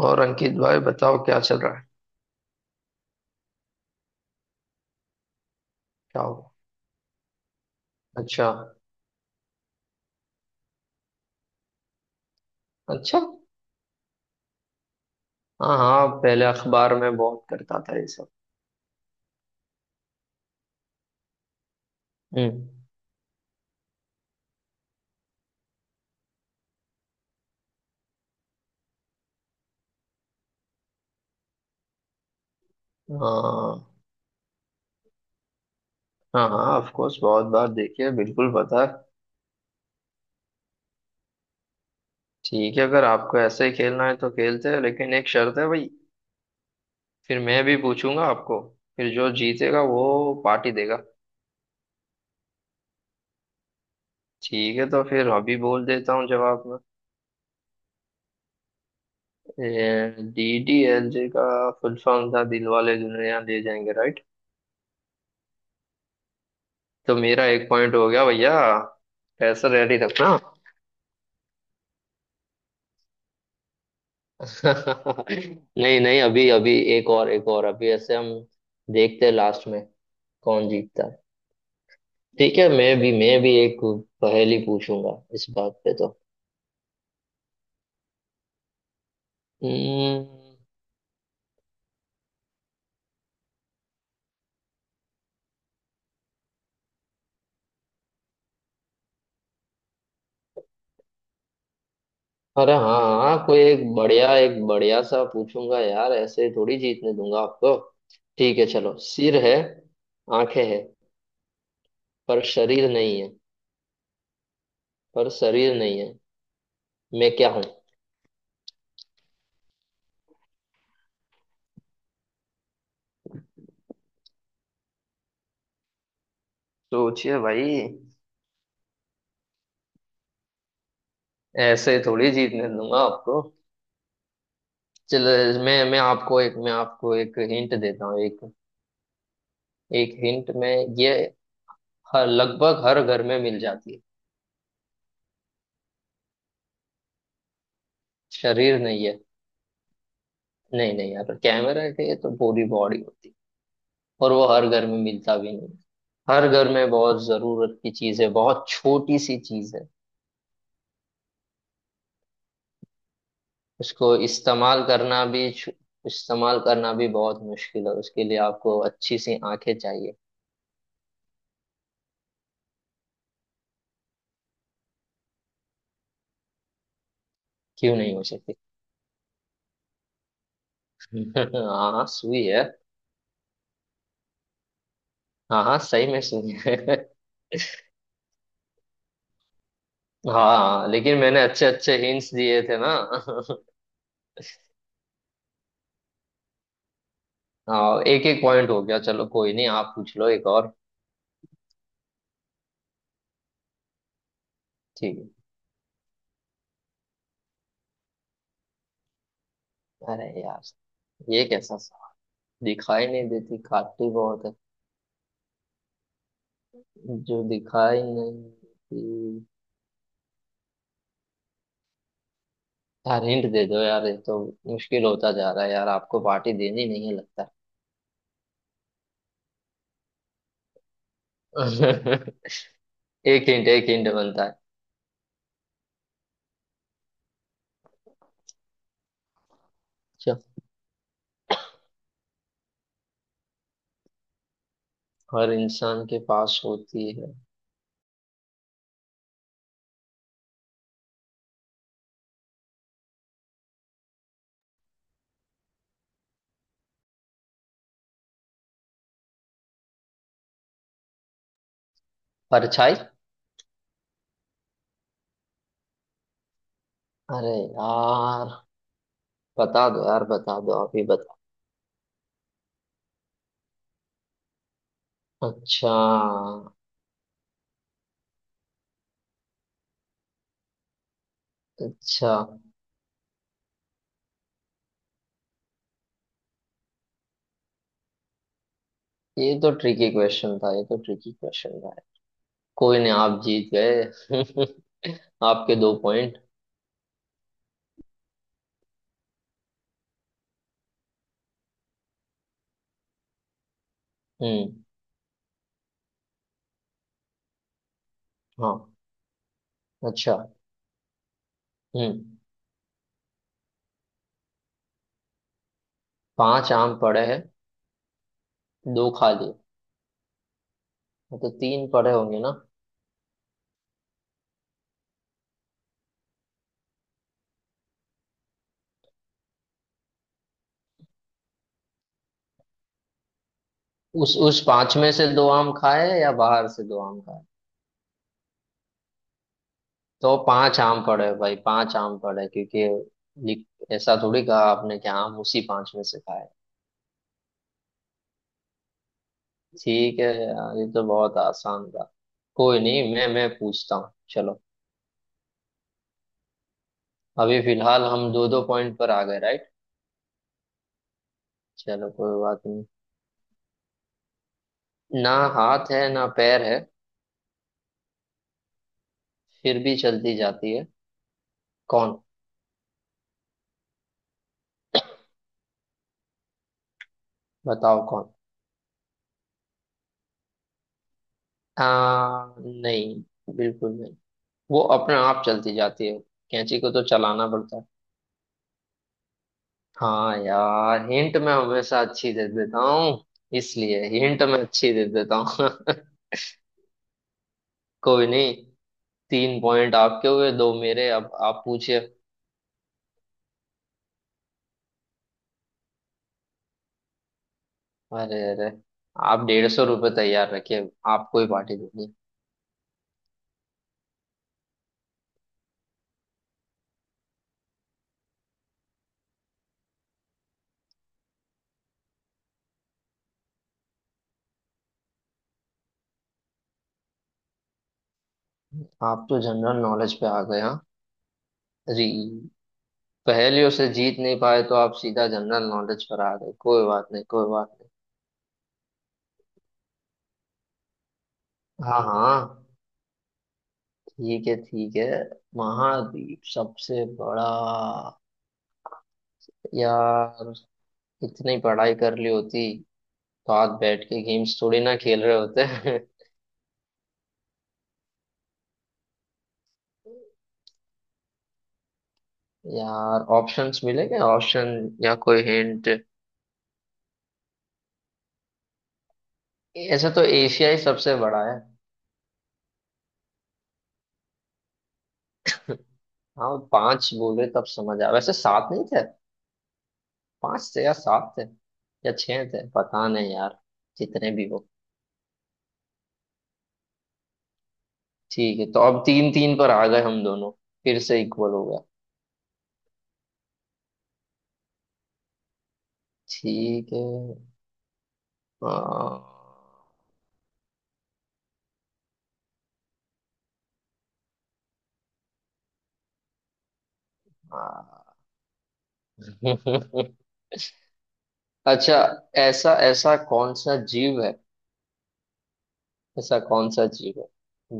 और अंकित भाई बताओ क्या चल रहा है। क्या होगा। अच्छा। अच्छा। हाँ हाँ, पहले अखबार में बहुत करता था ये सब। हम्म। हाँ। हाँ हाँ, ऑफ कोर्स, बहुत बार देखिए, बिल्कुल पता है। ठीक है, अगर आपको ऐसे ही खेलना है तो खेलते हैं, लेकिन एक शर्त है भाई। फिर मैं भी पूछूंगा आपको। फिर जो जीतेगा वो पार्टी देगा। ठीक है, तो फिर अभी बोल देता हूँ जवाब में। डी डी एल जे का फुल फॉर्म था दिल वाले दुल्हनिया ले जाएंगे, राइट। तो मेरा एक पॉइंट हो गया भैया। पैसा रेडी रखना। नहीं नहीं, अभी अभी एक और, एक और अभी ऐसे हम देखते हैं लास्ट में कौन जीतता है। ठीक है, मैं भी एक पहेली पूछूंगा इस बात पे तो। हम्म, अरे हाँ हाँ, कोई एक बढ़िया, एक बढ़िया सा पूछूंगा यार, ऐसे थोड़ी जीतने दूंगा आपको। ठीक है चलो, सिर है, आंखें हैं, पर शरीर नहीं है। पर शरीर नहीं है, मैं क्या हूँ। सोचिए भाई। ऐसे थोड़ी जीतने दूंगा आपको। चलो मैं आपको एक हिंट देता हूँ। एक एक हिंट में ये हर, लगभग हर घर में मिल जाती है। शरीर नहीं है। नहीं नहीं यार, कैमरा है तो पूरी बॉडी होती है, और वो हर घर में मिलता भी नहीं है। हर घर में बहुत जरूरत की चीज है, बहुत छोटी सी चीज है। उसको इस्तेमाल करना भी बहुत मुश्किल है, उसके लिए आपको अच्छी सी आंखें चाहिए। क्यों नहीं हो सकती। हाँ सुई है। हाँ हाँ सही में सुनिए। हाँ लेकिन मैंने अच्छे अच्छे हिंट्स दिए थे ना। हाँ, एक एक पॉइंट हो गया, चलो कोई नहीं, आप पूछ लो एक और। ठीक है। अरे यार, ये कैसा सा, दिखाई नहीं देती काटी बहुत है। जो दिखाई नहीं देती। यार हिंट दे दो यार, ये तो मुश्किल होता जा रहा है यार, आपको पार्टी देनी नहीं है लगता। एक हिंट, एक हिंट बनता है। अच्छा। हर इंसान के पास होती है, परछाई। अरे यार बता दो यार, बता दो, आप ही बताओ। अच्छा। अच्छा, ये तो ट्रिकी क्वेश्चन था, ये तो ट्रिकी क्वेश्चन था। कोई नहीं, आप जीत गए। आपके दो पॉइंट। हम्म। हाँ। अच्छा। हम्म। पांच आम पड़े हैं, दो खा लिए, मतलब तीन पड़े होंगे ना। उस पांच में से दो आम खाए या बाहर से दो आम खाए। तो पांच आम पड़े हैं भाई, पांच आम पड़े हैं, क्योंकि ऐसा थोड़ी कहा आपने कि आम उसी पांच में से खाए। ठीक है यार, ये तो बहुत आसान था। कोई नहीं, मैं पूछता हूँ चलो। अभी फिलहाल हम दो दो पॉइंट पर आ गए, राइट। चलो कोई बात नहीं। ना हाथ है ना पैर है, फिर भी चलती जाती है, कौन। बताओ कौन। नहीं, बिल्कुल नहीं। वो अपने आप चलती जाती है, कैंची को तो चलाना पड़ता है। हाँ यार, हिंट मैं हमेशा अच्छी दे देता हूँ, इसलिए हिंट मैं अच्छी दे देता हूँ। कोई नहीं, तीन पॉइंट आपके हुए, दो मेरे, अब आप पूछिए। अरे अरे, आप 150 रुपये तैयार रखिए, आपको ही पार्टी देंगे। आप तो जनरल नॉलेज पे आ गए, हाँ। अरे पहेलियों से जीत नहीं पाए तो आप सीधा जनरल नॉलेज पर आ गए, कोई बात नहीं, कोई बात नहीं। हाँ हाँ, ठीक है, ठीक है। महाद्वीप सबसे बड़ा। यार इतनी पढ़ाई कर ली होती तो आज बैठ के गेम्स थोड़ी ना खेल रहे होते। यार, ऑप्शंस मिलेंगे, ऑप्शन या कोई हिंट। ऐसे तो एशिया ही सबसे बड़ा है। हाँ, पांच बोले तब समझ आया, वैसे सात नहीं थे। पांच थे या सात थे या छह थे, पता नहीं यार। जितने भी हो। ठीक है, तो अब तीन तीन पर आ गए हम दोनों, फिर से इक्वल हो गया। ठीक है। आ, आ, अच्छा। ऐसा, ऐसा कौन सा जीव है। ऐसा कौन सा जीव है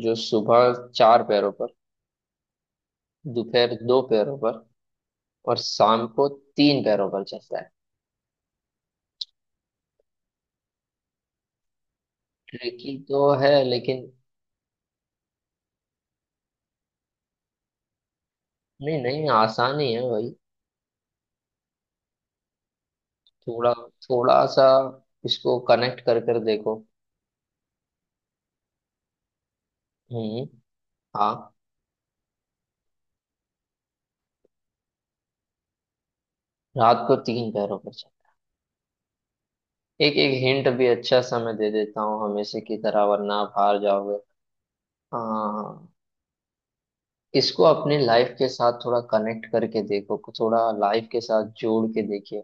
जो सुबह चार पैरों पर, दोपहर दो पैरों पर, और शाम को तीन पैरों पर चलता है। ट्रिकी तो है लेकिन, नहीं नहीं आसान ही है भाई, थोड़ा, थोड़ा सा इसको कनेक्ट कर कर देखो। हम्म। हाँ। रात को तीन पैरों पर चलता है। एक एक हिंट भी अच्छा सा मैं दे देता हूँ हमेशा की तरह, वरना आप हार जाओगे। हाँ। इसको अपनी लाइफ के साथ थोड़ा कनेक्ट करके देखो, थोड़ा लाइफ के साथ जोड़ के देखिए।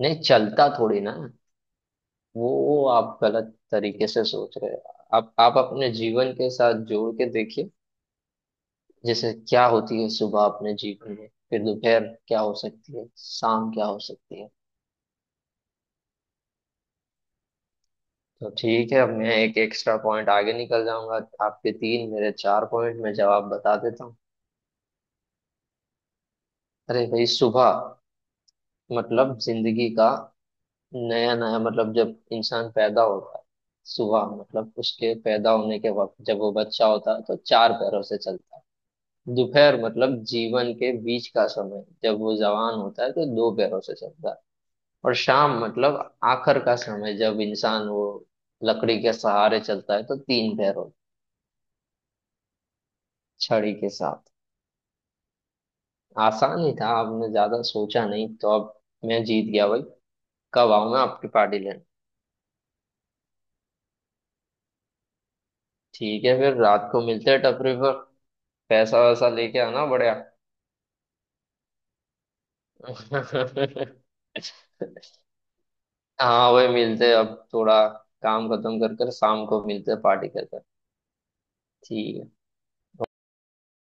नहीं चलता थोड़ी ना, वो आप गलत तरीके से सोच रहे हैं। आप अपने जीवन के साथ जोड़ के देखिए। जैसे क्या होती है सुबह अपने जीवन में, फिर दोपहर क्या हो सकती है, शाम क्या हो सकती है। तो ठीक है, अब मैं एक एक्स्ट्रा पॉइंट आगे निकल जाऊंगा, आपके तीन मेरे चार पॉइंट में जवाब बता देता हूँ। अरे भाई, सुबह मतलब जिंदगी का नया नया, मतलब जब इंसान पैदा होता है। सुबह मतलब उसके पैदा होने के वक्त, जब वो बच्चा होता है तो चार पैरों से चलता है। दोपहर मतलब जीवन के बीच का समय, जब वो जवान होता है तो दो पैरों से चलता है। और शाम मतलब आखिर का समय, जब इंसान वो लकड़ी के सहारे चलता है तो तीन पैरों, छड़ी के साथ। आसान ही था, आपने ज्यादा सोचा नहीं, तो अब मैं जीत गया भाई। कब आऊं मैं आपकी पार्टी लेने। ठीक है, फिर रात को मिलते हैं टपरी पर, पैसा वैसा लेके आना बढ़िया। हाँ वही मिलते हैं, अब थोड़ा काम खत्म कर कर शाम को मिलते हैं, पार्टी कर कर। ठीक है।